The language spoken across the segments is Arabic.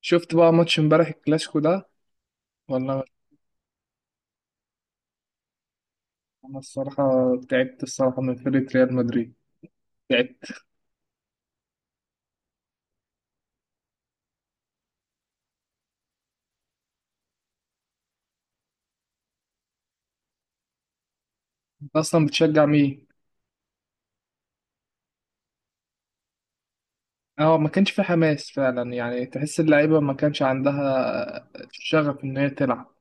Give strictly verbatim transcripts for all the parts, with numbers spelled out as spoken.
شفت بقى ماتش امبارح الكلاسيكو ده ولا ما- انا الصراحه تعبت الصراحه من فريق ريال مدريد، تعبت. انت اصلا بتشجع مين؟ اه، ما كانش في حماس فعلا، يعني تحس اللعيبه ما كانش عندها شغف ان هي تلعب.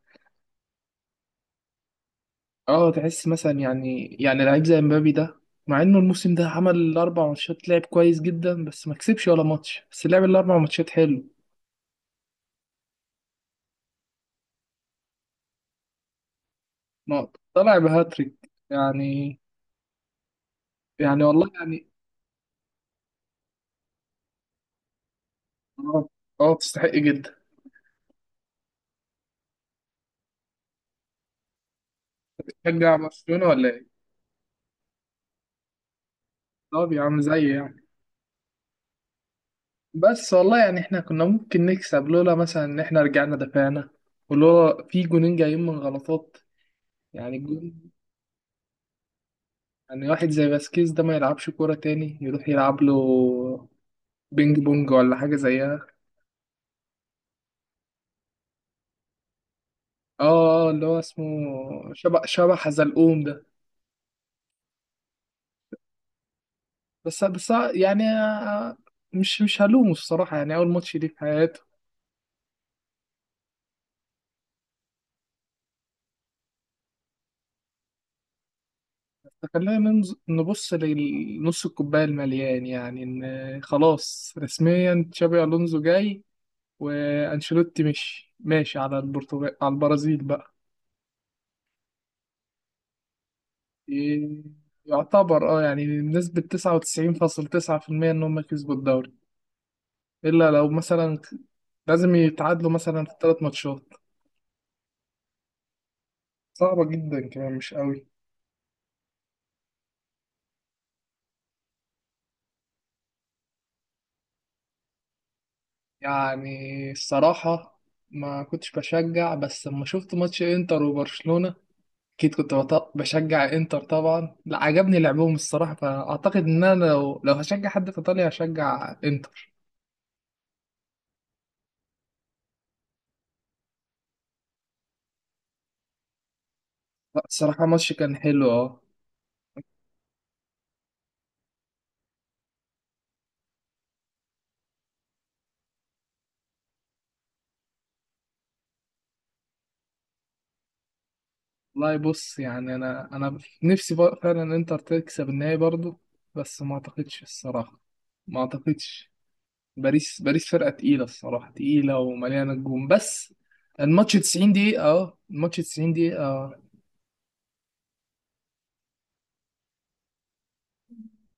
اه، تحس مثلا، يعني يعني لعيب زي مبابي ده، مع انه الموسم ده عمل اربع ماتشات لعب كويس جدا بس ما كسبش ولا ماتش، بس لعب الاربع ماتشات حلو. نقط طلع بهاتريك يعني، يعني والله يعني. اه، اه تستحق جدا. تشجع برشلونه ولا ايه؟ طب يا عم زي يعني. بس والله يعني احنا كنا ممكن نكسب لولا مثلا ان احنا رجعنا دفعنا، ولولا في جونين جايين من غلطات، يعني الجون. يعني واحد زي باسكيز ده ما يلعبش كورة تاني، يروح يلعب له بينج بونج ولا حاجة زيها. اه، آه، اللي هو اسمه شبه شبه حزلقوم ده. بس بس يعني، آه، مش مش هلومه الصراحة، يعني أول ماتش ليه في حياته. فخلينا ننز- نبص لنص الكوباية المليان، يعني إن خلاص رسميا تشابي ألونزو جاي، وانشيلوتي مش ماشي على البرتغال، على البرازيل بقى. إيه، يعتبر اه يعني بنسبة تسعة وتسعين فاصل تسعة في المية إن هم كسبوا الدوري. إلا لو مثلا لازم يتعادلوا مثلا في الثلاث ماتشات. صعبة جدا كمان مش قوي. يعني الصراحة ما كنتش بشجع، بس لما شفت ماتش انتر وبرشلونة اكيد كنت بط- بشجع انتر طبعا، لا عجبني لعبهم الصراحة، فاعتقد ان انا لو لو هشجع حد في ايطاليا هشجع انتر. لا، الصراحة ماتش كان حلو اه. والله بص، يعني انا انا نفسي بقى فعلا انتر تكسب النهائي برضو، بس ما اعتقدش الصراحه، ما اعتقدش. باريس، باريس فرقه تقيله الصراحه، تقيله ومليانه نجوم بس. الماتش تسعين دقيقه، اه الماتش تسعين دقيقه، آه،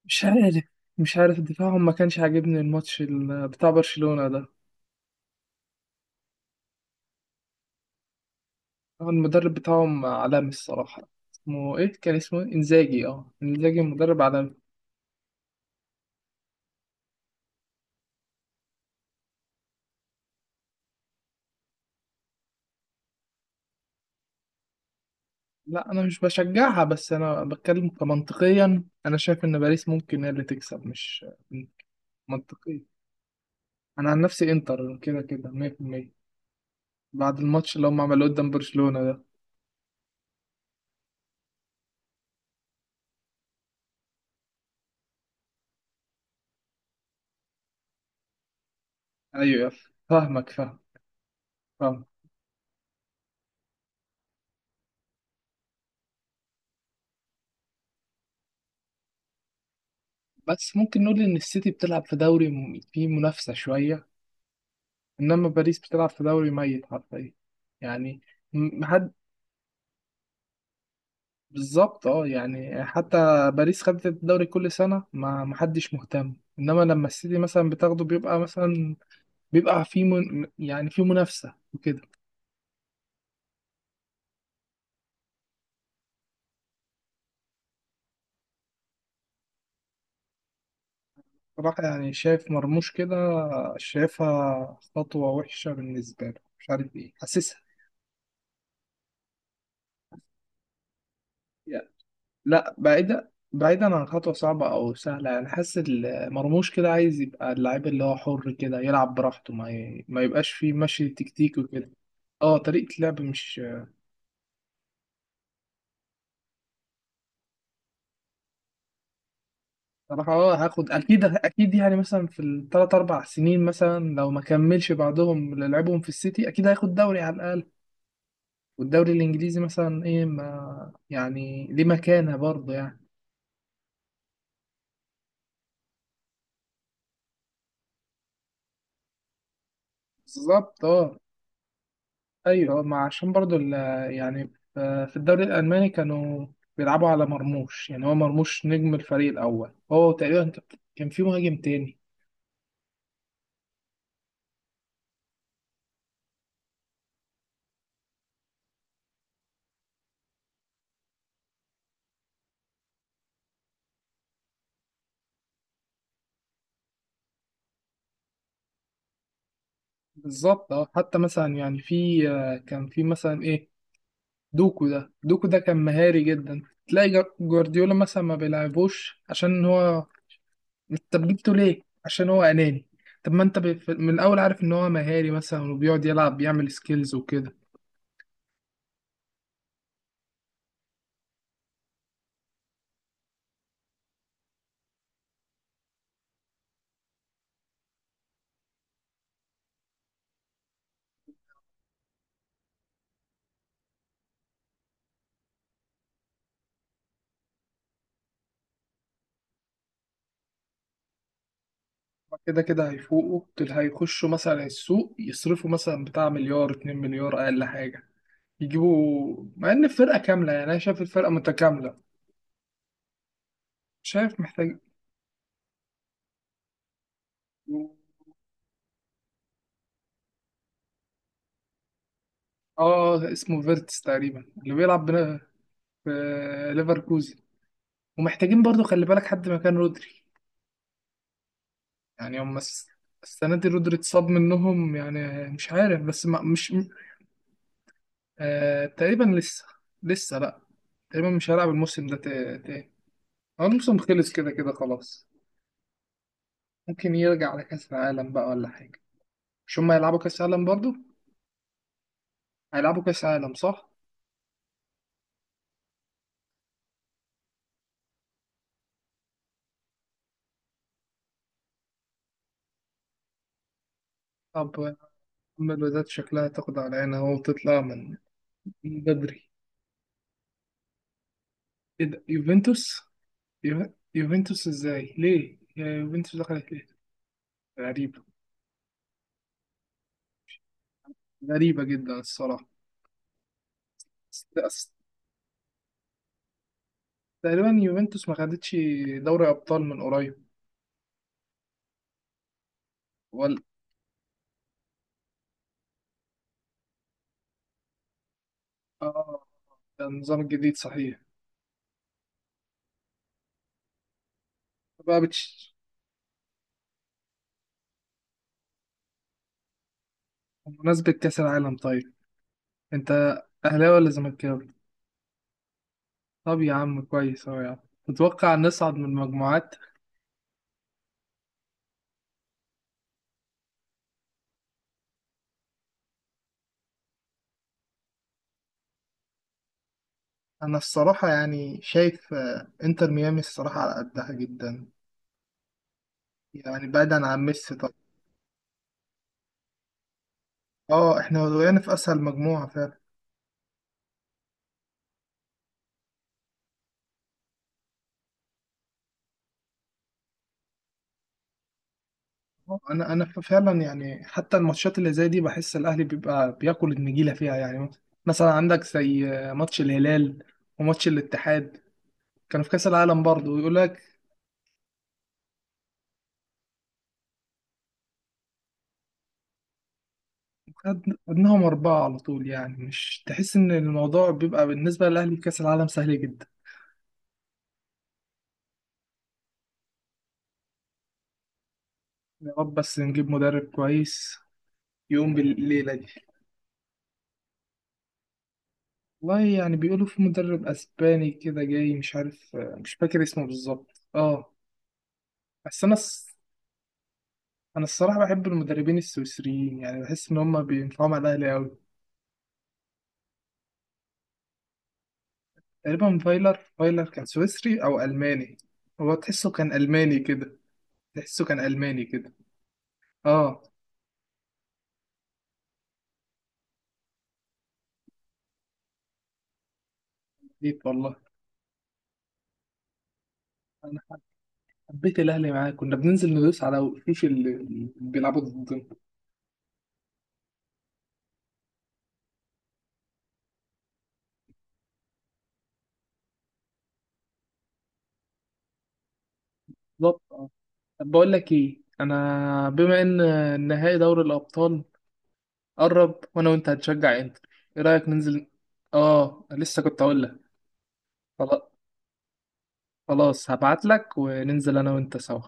مش عارف، مش عارف دفاعهم ما كانش عاجبني الماتش ال- بتاع برشلونه ده. آه، المدرب بتاعهم عالمي الصراحه. اسمه ايه؟ كان اسمه إيه؟ انزاجي، اه انزاجي مدرب عالمي. لا انا مش بشجعها، بس انا بتكلم كمنطقيا، انا شايف ان باريس ممكن هي اللي تكسب، مش منطقي. انا عن نفسي انتر كده كده مية بالمية بعد الماتش اللي هم عملوه قدام برشلونة ده. ايوه، فاهمك فاهم، فاهم. بس ممكن نقول ان السيتي بتلعب في دوري م- فيه منافسة شوية، انما باريس بتلعب في دوري ميت حرفيا يعني، م- محد بالظبط اه، يعني حتى باريس خدت الدوري كل سنة ما محدش مهتم، انما لما السيتي مثلا بتاخده بيبقى مثلا، بيبقى في من، يعني في منافسة وكده. راح يعني، شايف مرموش كده شايفها خطوة وحشة بالنسبة له، مش عارف ايه حاسسها يعني. لا بعيدة، بعيدا عن خطوة صعبة أو سهلة، يعني حاسس ال- مرموش كده عايز يبقى اللعيب اللي هو حر كده يلعب براحته، ما ي... ما يبقاش فيه مشي تكتيكي وكده. اه طريقة لعب مش. صراحة اه هاخد أكيد أكيد يعني، مثلا في التلات أربع سنين مثلا لو ما كملش بعدهم اللي لعبهم في السيتي أكيد هياخد دوري على الأقل. والدوري الانجليزي مثلا ايه، ما يعني ليه مكانه برضه يعني. بالظبط اه. ايوه آه، ما عشان برضه ال- يعني ف- في الدوري الالماني كانوا بيلعبوا على مرموش، يعني هو مرموش نجم الفريق الاول، هو تقريبا كان، كان في مهاجم تاني. بالظبط اه، حتى مثلا يعني في آه، كان في مثلا ايه، دوكو ده، دوكو ده كان مهاري جدا، تلاقي جر- جوارديولا مثلا ما بيلعبوش عشان هو. طب جبته ليه؟ عشان هو أناني. طب ما أنت ب- في- من الأول عارف إن هو مهاري مثلا وبيقعد يلعب بيعمل سكيلز وكده. كده كده هيفوقوا دول، هيخشوا مثلا السوق يصرفوا مثلا بتاع مليار، اتنين مليار أقل حاجة يجيبوا، مع إن الفرقة كاملة يعني أنا شايف الفرقة متكاملة. شايف محتاج آه اسمه فيرتس تقريبا، اللي بيلعب بنا- في ليفركوزن. ومحتاجين برضو خلي بالك حد مكان رودري، يعني هم الس- السنة دي رودري اتصاب منهم يعني، مش عارف بس ما مش. آه تقريبا لسه، لسه لا، تقريبا مش هلعب الموسم ده تا- تاني هو الموسم خلص كده كده خلاص. ممكن يرجع على كأس العالم بقى ولا حاجة. مش هما هيلعبوا كأس العالم برضو؟ هيلعبوا كأس العالم صح؟ طب أما الوداد شكلها تاخد على عينها أهو وتطلع من، من بدري. إيه ده يوفنتوس؟ يو- يوفنتوس إزاي؟ ليه؟ يا يوفنتوس دخلت ليه؟ غريبة، غريبة جدا الصراحة. بس- بس تقريبا يوفنتوس ما خدتش دوري أبطال من قريب ولا. اه ده النظام الجديد صحيح. بقى بتش... بمناسبة كأس العالم طيب، انت اهلاوي ولا زملكاوي؟ طب يا عم كويس اهو يعني. تتوقع نصعد من المجموعات؟ انا الصراحة يعني شايف آه، انتر ميامي الصراحة على قدها جدا، يعني بعيدا عن ميسي طبعا. اه احنا وقعنا في اسهل مجموعة فعلا. آه، انا انا ف- فعلا يعني حتى الماتشات اللي زي دي بحس الاهلي بيبقى بياكل النجيلة فيها يعني. مثلا عندك زي آه، ماتش الهلال وماتش الاتحاد، كانوا في كأس العالم برضه ويقول لك، خد- خدناهم أربعة على طول، يعني مش تحس إن الموضوع بيبقى بالنسبة للأهلي في كأس العالم سهل جدا. يا رب بس نجيب مدرب كويس يقوم بالليلة دي. والله يعني بيقولوا في مدرب أسباني كده جاي، مش عارف، مش فاكر اسمه بالظبط اه. بس أنا الص- أنا الصراحة بحب المدربين السويسريين، يعني بحس إن هما بينفعوا مع الأهلي أوي. تقريبا فايلر، فايلر كان سويسري أو ألماني. هو تحسه كان ألماني كده. تحسه كان ألماني كده. اه. جديد والله. حبيت الاهلي معاك، كنا بننزل ندوس على وشوش اللي بيلعبوا ضدنا. بالظبط اه. طب بقول لك ايه، انا بما ان نهائي دوري الابطال قرب، وانا وانت هتشجع انتر، ايه رايك ننزل؟ اه لسه كنت اقول لك. خلاص، خلاص هبعت لك وننزل انا وانت سوا.